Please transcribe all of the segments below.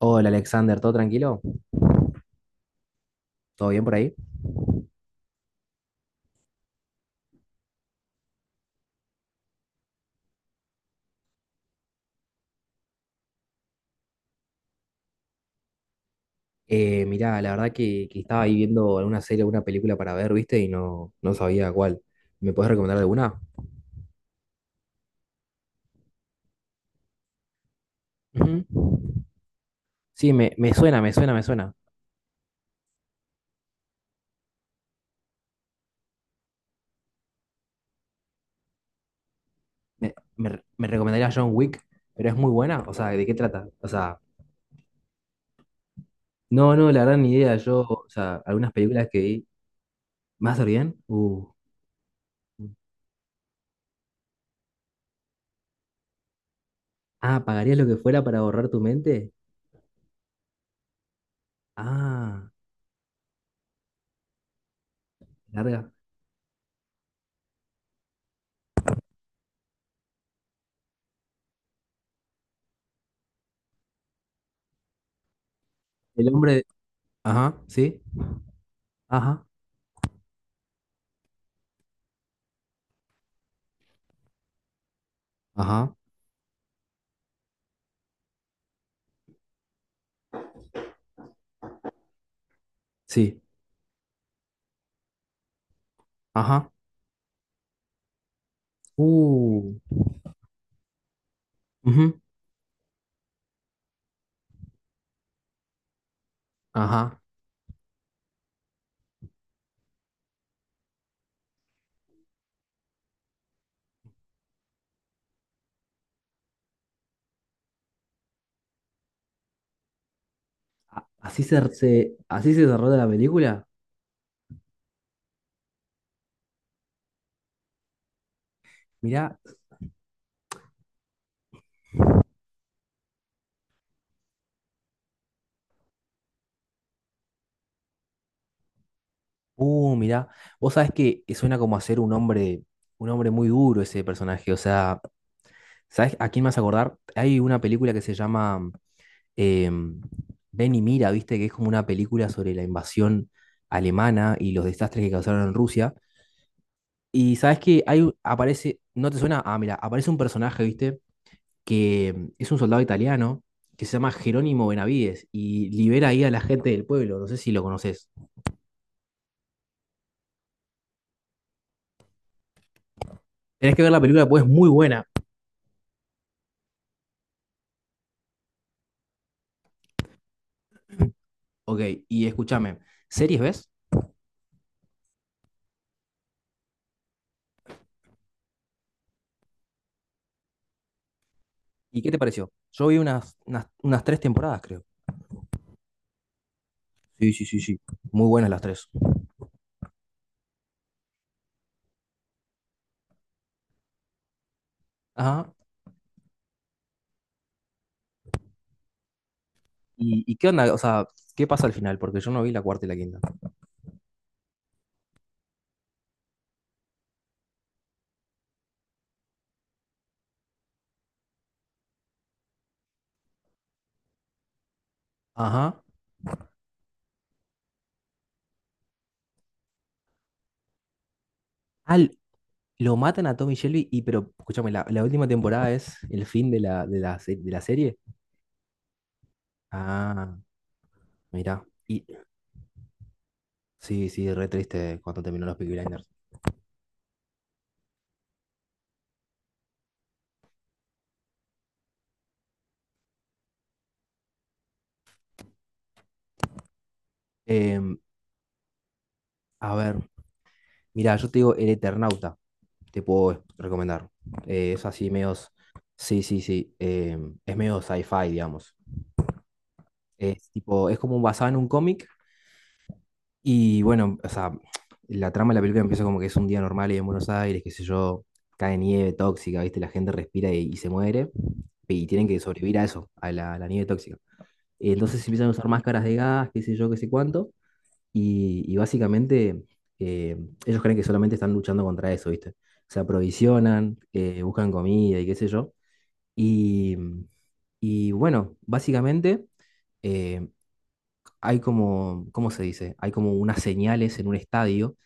Hola Alexander, ¿todo tranquilo? ¿Todo bien por ahí? Mirá, la verdad que estaba ahí viendo alguna serie, alguna película para ver, ¿viste? Y no sabía cuál. ¿Me puedes recomendar alguna? Ujú. Sí, me suena, me suena, me suena. Me recomendaría John Wick, pero es muy buena. O sea, ¿de qué trata? O sea, no, no, la verdad ni idea. Yo, o sea, algunas películas que vi. ¿Más o bien? Ah, ¿pagarías lo que fuera para borrar tu mente? Ah, larga. El hombre. Ajá, sí. Ajá, ajá, sí. Uh, ujú, ajá. Así se desarrolla la película. Mirá, mirá. Vos sabés que suena como hacer un hombre muy duro ese personaje. O sea, ¿sabés a quién me vas a acordar? Hay una película que se llama em, Ven y mira, ¿viste? Que es como una película sobre la invasión alemana y los desastres que causaron en Rusia. Y sabés que hay, aparece, ¿no te suena? Ah, mira, aparece un personaje, ¿viste? Que es un soldado italiano que se llama Jerónimo Benavides y libera ahí a la gente del pueblo. No sé si lo conoces. Tenés que ver la película, pues es muy buena. Ok, y escúchame, ¿series ves? ¿Y qué te pareció? Yo vi unas tres temporadas, creo. Sí, sí, sí, sí. Muy buenas las tres. Ajá. ¿Y qué onda? O sea, ¿qué pasa al final? Porque yo no vi la cuarta y la quinta. Ajá. Al, lo matan a Tommy Shelby y, pero, escúchame, la última temporada es el fin de la serie. Ah, mirá. Y sí, sí, re triste cuando terminó los Peaky Blinders. Em, a ver, mira, yo te digo El Eternauta, te puedo recomendar. Es así, medio. Sí, sí, sí. Es medio sci-fi, digamos. Es tipo, es como basado en un cómic. Y bueno, o sea, la trama de la película empieza como que es un día normal y en Buenos Aires, qué sé yo, cae nieve tóxica, ¿viste? La gente respira y se muere. Y tienen que sobrevivir a eso, a la nieve tóxica. Entonces empiezan a usar máscaras de gas, qué sé yo, qué sé cuánto. Y básicamente eh, ellos creen que solamente están luchando contra eso, ¿viste? Se aprovisionan, buscan comida y qué sé yo. Y, y bueno, básicamente eh, hay como, ¿cómo se dice? Hay como unas señales en un estadio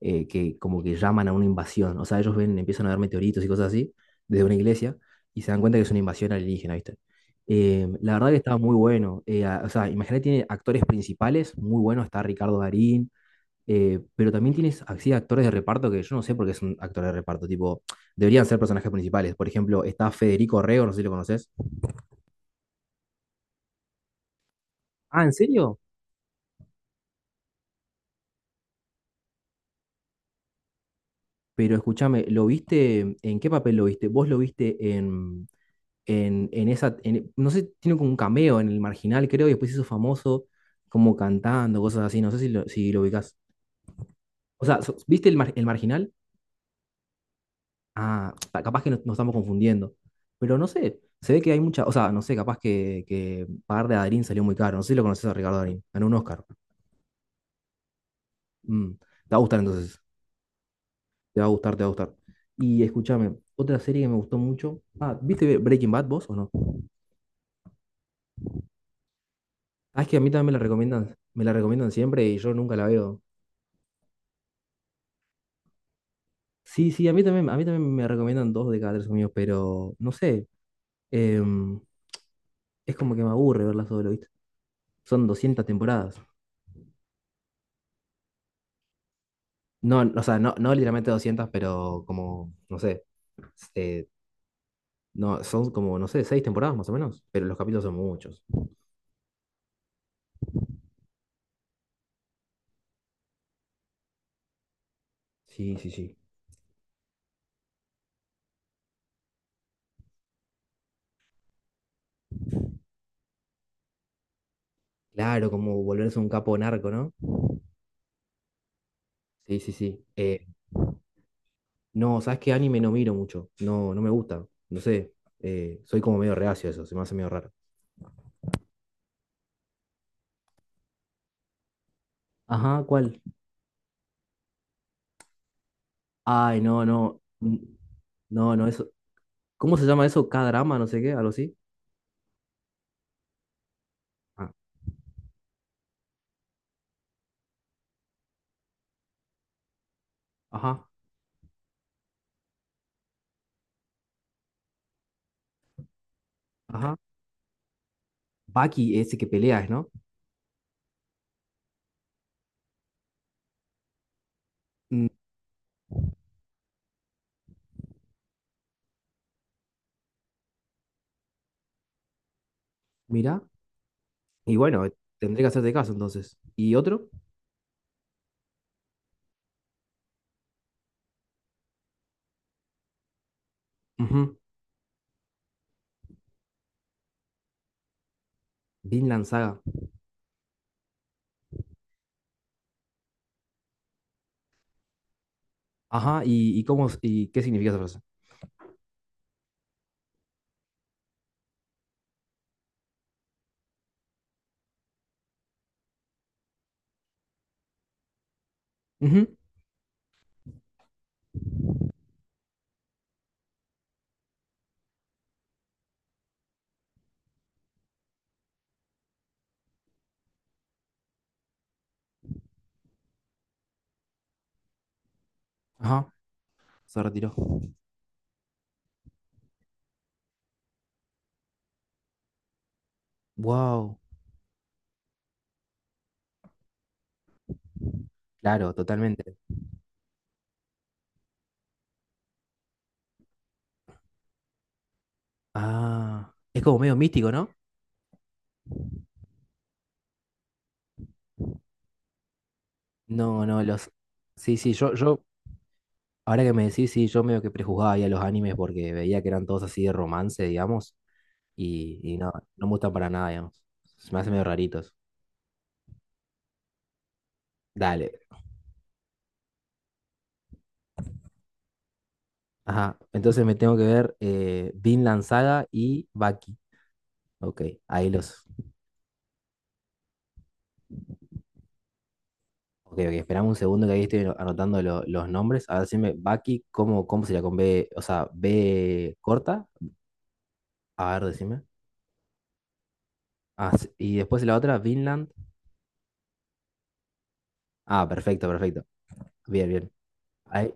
que como que llaman a una invasión. O sea, ellos ven, empiezan a ver meteoritos y cosas así desde una iglesia y se dan cuenta que es una invasión alienígena, ¿viste? La verdad que estaba muy bueno. O sea, imagínate, tiene actores principales muy buenos. Está Ricardo Darín, pero también tienes así actores de reparto que yo no sé por qué son actores de reparto, tipo, deberían ser personajes principales. Por ejemplo, está Federico Rego, no sé si lo conoces. Ah, ¿en serio? Pero escúchame, ¿lo viste? ¿En qué papel lo viste? ¿Vos lo viste en, en esa, no sé, tiene como un cameo en El Marginal, creo, y después se hizo famoso como cantando, cosas así, no sé si lo, si lo ubicás. O sea, ¿viste el, El Marginal? Ah, capaz que nos estamos confundiendo. Pero no sé, se ve que hay mucha, o sea, no sé, capaz que pagar de Darín salió muy caro. No sé si lo conoces a Ricardo Darín. Ganó un Oscar. Mm, te va a gustar entonces. Te va a gustar, te va a gustar. Y escúchame, otra serie que me gustó mucho. Ah, ¿viste Breaking Bad vos o no? Ah, es que a mí también me la recomiendan siempre y yo nunca la veo. Sí, sí, a mí también me recomiendan dos de cada tres amigos, pero no sé, em, es como que me aburre verla solo, ¿viste? Son 200 temporadas. No, o sea, no, no literalmente 200 pero como, no sé, eh, no, son como, no sé, seis temporadas más o menos, pero los capítulos son muchos. Sí, sí, sí. Claro, como volverse un capo narco, ¿no? Sí, sí, sí. No, ¿sabes qué? Anime no miro mucho, no, no me gusta, no sé, soy como medio reacio a eso, se me hace medio raro. Ajá, ¿cuál? Ay, no, no, no, no, eso, ¿cómo se llama eso? K-drama, no sé qué, algo así. Ah, ajá, ajá. Baki, ese que peleas, ¿no? Mm, mira. Y bueno, tendré que hacerte caso entonces. ¿Y otro? Ujú. Vinland Saga. Ajá, ¿y cómo, y qué significa esa frase? Ujú. Ajá, se retiró. Wow, claro, totalmente. Ah, es como medio místico, ¿no? No, no, los... Sí, sí, yo, ahora que me decís, sí, yo medio que prejuzgaba ahí a los animes porque veía que eran todos así de romance, digamos, y no, no me gustan para nada, digamos. Se me hacen medio raritos. Dale. Ajá, entonces me tengo que ver Vinland Saga y Baki. Ok, ahí los. Ok, ok, esperame un segundo que ahí estoy anotando los nombres. A ver, decime, Baki, ¿cómo, cómo sería con B? O sea, B corta. A ver, decime. Ah, sí, y después la otra, Vinland. Ah, perfecto, perfecto. Bien, bien. Ahí,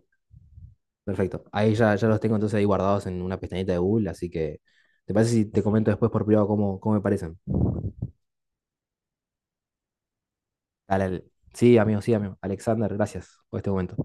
perfecto. Ahí ya, ya los tengo entonces ahí guardados en una pestañita de Google, así que. ¿Te parece si te comento después por privado cómo, cómo me parecen? Dale, dale. Sí, amigo, sí, amigo. Alexander, gracias por este momento.